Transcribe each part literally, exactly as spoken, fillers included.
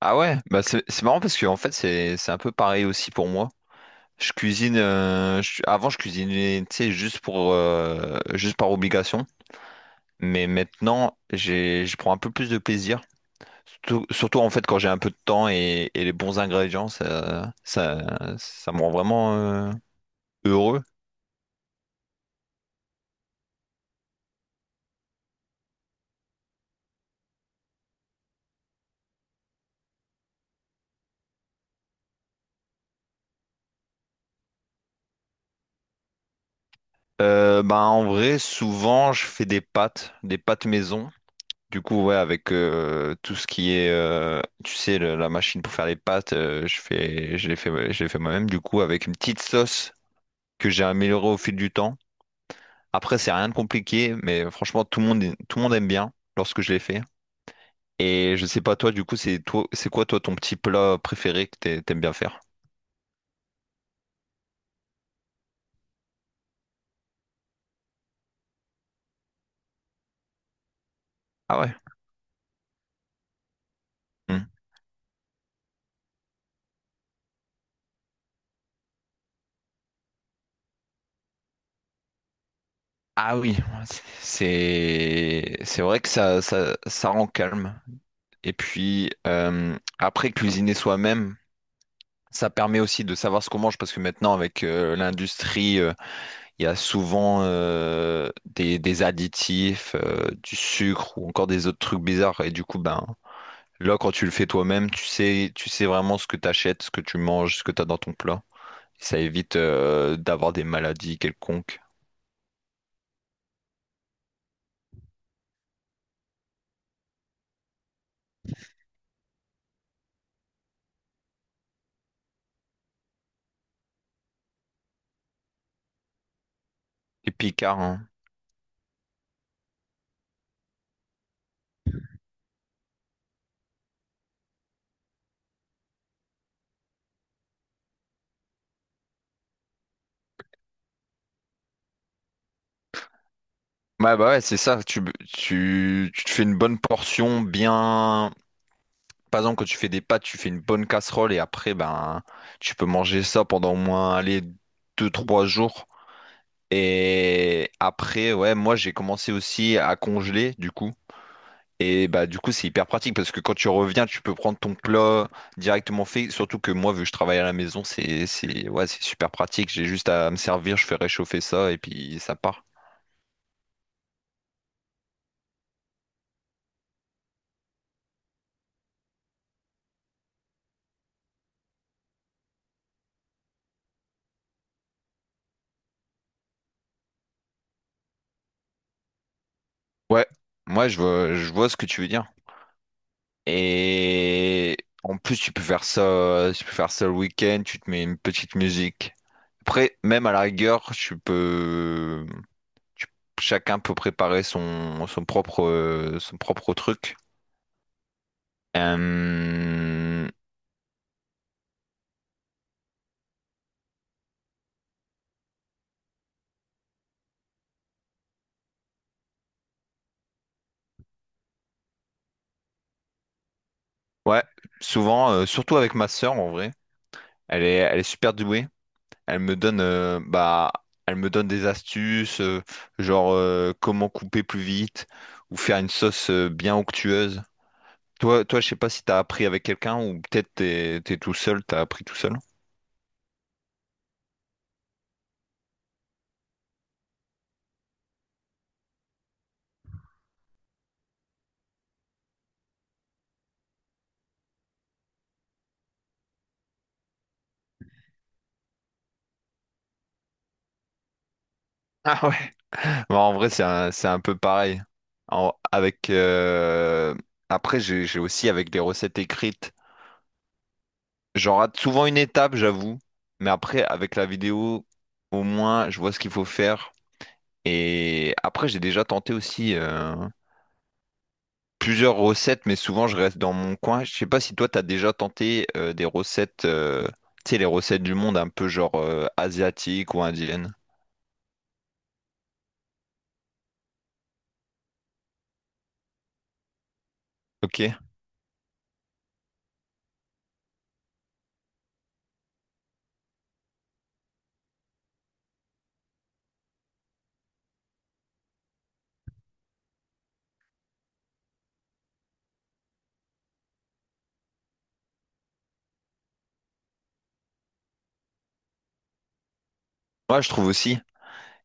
Ah ouais, bah c'est c'est marrant parce que en fait c'est c'est un peu pareil aussi pour moi. Je cuisine euh, je- avant je cuisinais tu sais juste pour euh, juste par obligation, mais maintenant j'ai je prends un peu plus de plaisir. Surtout, surtout, en fait quand j'ai un peu de temps et, et les bons ingrédients ça ça ça me rend vraiment euh, heureux. Euh, bah en vrai souvent je fais des pâtes, des pâtes maison. Du coup, ouais, avec euh, tout ce qui est, euh, tu sais, le- la machine pour faire les pâtes, euh, je fais, je l'ai fait, je l'ai fait moi-même, du coup, avec une petite sauce que j'ai améliorée au fil du temps. Après, c'est rien de compliqué, mais franchement, tout le monde, tout le monde aime bien lorsque je l'ai fait. Et je sais pas, toi, du coup, c'est toi, c'est quoi, toi, ton petit plat préféré que t'ai- t'aimes bien faire? Ah ouais. Hmm. Ah oui, c'est, c'est c'est vrai que ça, ça, ça rend calme. Et puis, euh, après, cuisiner soi-même, ça permet aussi de savoir ce qu'on mange parce que maintenant, avec euh, l'industrie, euh, il y a souvent euh, des, des additifs, euh, du sucre ou encore des autres trucs bizarres. Et du coup, ben, là, quand tu le fais toi-même, tu sais, tu sais vraiment ce que tu achètes, ce que tu manges, ce que tu as dans ton plat. Ça évite euh, d'avoir des maladies quelconques. Et picard, hein. Ouais, bah ouais, c'est ça. Tu, tu, tu te fais une bonne portion bien. Par exemple, quand tu fais des pâtes, tu fais une bonne casserole et après, ben, tu peux manger ça pendant au moins, allez, deux trois jours. Et après, ouais, moi, j'ai commencé aussi à congeler, du coup. Et bah, du coup, c'est hyper pratique parce que quand tu reviens, tu peux prendre ton plat directement fait. Surtout que moi, vu que je travaille à la maison, c'est, c'est, ouais, c'est super pratique. J'ai juste à me servir, je fais réchauffer ça et puis ça part. Ouais, moi, je vois, je vois ce que tu veux dire. Et en plus, tu peux faire ça, euh, tu peux faire ça le week-end, tu te mets une petite musique. Après, même à la rigueur, tu peux, tu- chacun peut préparer son, son propre, euh, son propre truc. Euh, ouais, souvent, euh, surtout avec ma sœur en vrai, elle est, elle est super douée. Elle me donne, euh, bah, elle me donne des astuces, euh, genre euh, comment couper plus vite ou faire une sauce euh, bien onctueuse. Toi, toi, je sais pas si t'as appris avec quelqu'un ou peut-être t'es, t'es tout seul, t'as appris tout seul. Ah ouais. Bon, en vrai, c'est un, c'est un peu pareil. En- avec euh, après, j'ai, j'ai aussi avec les recettes écrites. J'en rate souvent une étape, j'avoue, mais après, avec la vidéo, au moins, je vois ce qu'il faut faire. Et après, j'ai déjà tenté aussi euh, plusieurs recettes, mais souvent, je reste dans mon coin. Je sais pas si toi, t'as déjà tenté euh, des recettes, euh, tu sais, les recettes du monde un peu genre euh, asiatiques ou indiennes. Ok. Moi je trouve aussi.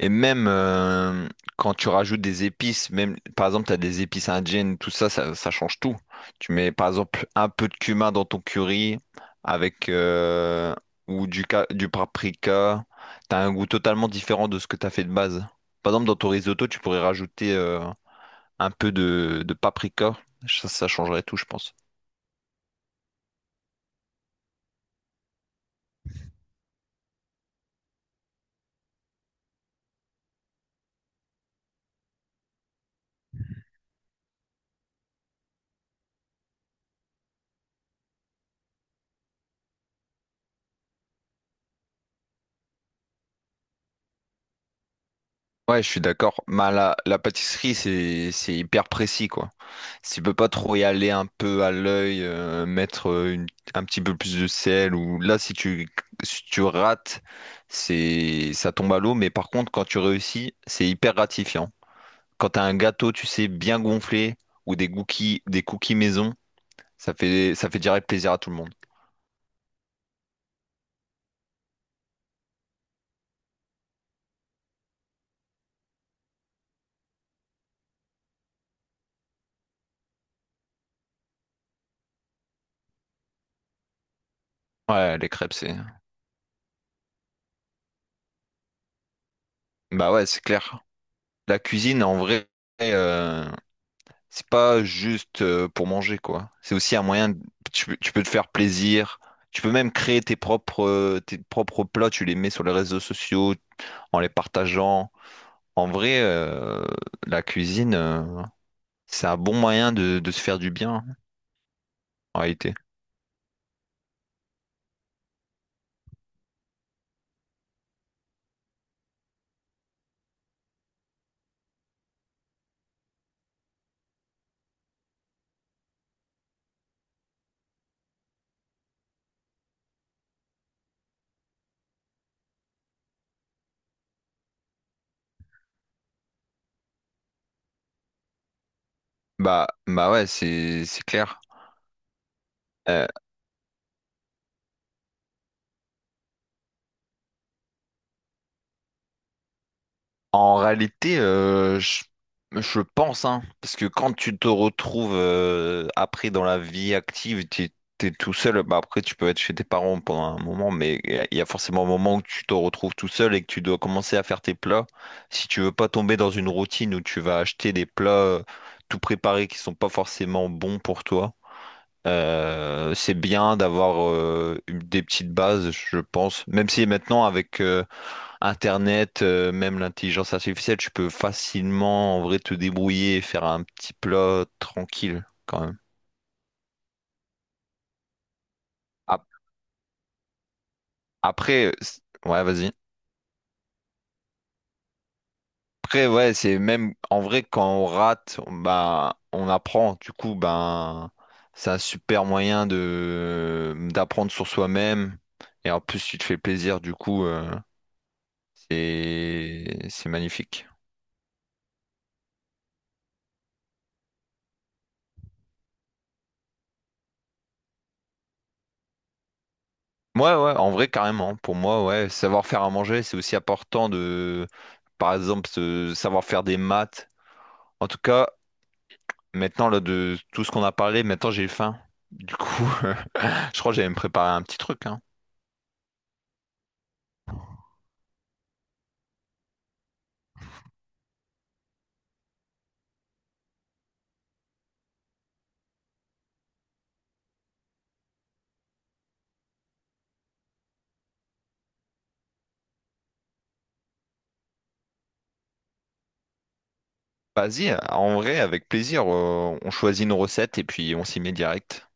Et même euh, quand tu rajoutes des épices, même par exemple, tu as des épices indiennes, tout ça, ça, ça change tout. Tu mets par exemple un peu de cumin dans ton curry avec euh, ou du, ca- du paprika. T'as un goût totalement différent de ce que t'as fait de base. Par exemple, dans ton risotto, tu pourrais rajouter euh, un peu de, de paprika. Ça, ça changerait tout, je pense. Ouais, je suis d'accord. Mais la, la pâtisserie, c'est, c'est hyper précis, quoi. Tu peux pas trop y aller un peu à l'œil, euh, mettre euh, une- un petit peu plus de sel, ou là, si tu, si tu rates, c'est, ça tombe à l'eau. Mais par contre, quand tu réussis, c'est hyper gratifiant. Quand t'as un gâteau, tu sais, bien gonflé, ou des cookies, des cookies maison, ça fait, ça fait direct plaisir à tout le monde. Ouais, les crêpes, c'est, bah ouais, c'est clair. La cuisine, en vrai, euh, c'est pas juste euh, pour manger, quoi. C'est aussi un moyen, de- tu, peux tu peux te faire plaisir. Tu peux même créer tes propres, euh, tes propres plats, tu les mets sur les réseaux sociaux en les partageant. En vrai, euh, la cuisine, euh, c'est un bon moyen de, de se faire du bien, en réalité. Bah, bah ouais, c'est, c'est clair. En réalité, euh, je, je pense, hein, parce que quand tu te retrouves euh, après dans la vie active, tu es tout seul, bah après tu peux être chez tes parents pendant un moment, mais il y, a il y a forcément un moment où tu te retrouves tout seul et que tu dois commencer à faire tes plats. Si tu veux pas tomber dans une routine où tu vas acheter des plats euh, tout préparés qui sont pas forcément bons pour toi. Euh, c'est bien d'avoir euh, une- des petites bases, je pense. Même si maintenant avec euh, Internet, euh, même l'intelligence artificielle, tu peux facilement en vrai te débrouiller et faire un petit plat tranquille quand même. Ap- Après, euh, ouais, vas-y. Après, ouais, c'est même en vrai quand on rate, on- bah, on apprend. Du coup, ben, c'est un super moyen de d'apprendre sur soi-même. Et en plus, tu te fais plaisir. Du coup, euh, c'est c'est magnifique. Ouais, ouais, en vrai, carrément. Pour moi, ouais, savoir faire à manger, c'est aussi important de, par exemple, se- savoir faire des maths. En tout cas, maintenant, là, de tout ce qu'on a parlé, maintenant, j'ai faim. Du coup, je crois que j'allais me préparer un petit truc, hein. Vas-y, en vrai, avec plaisir, euh, on choisit nos recettes et puis on s'y met direct.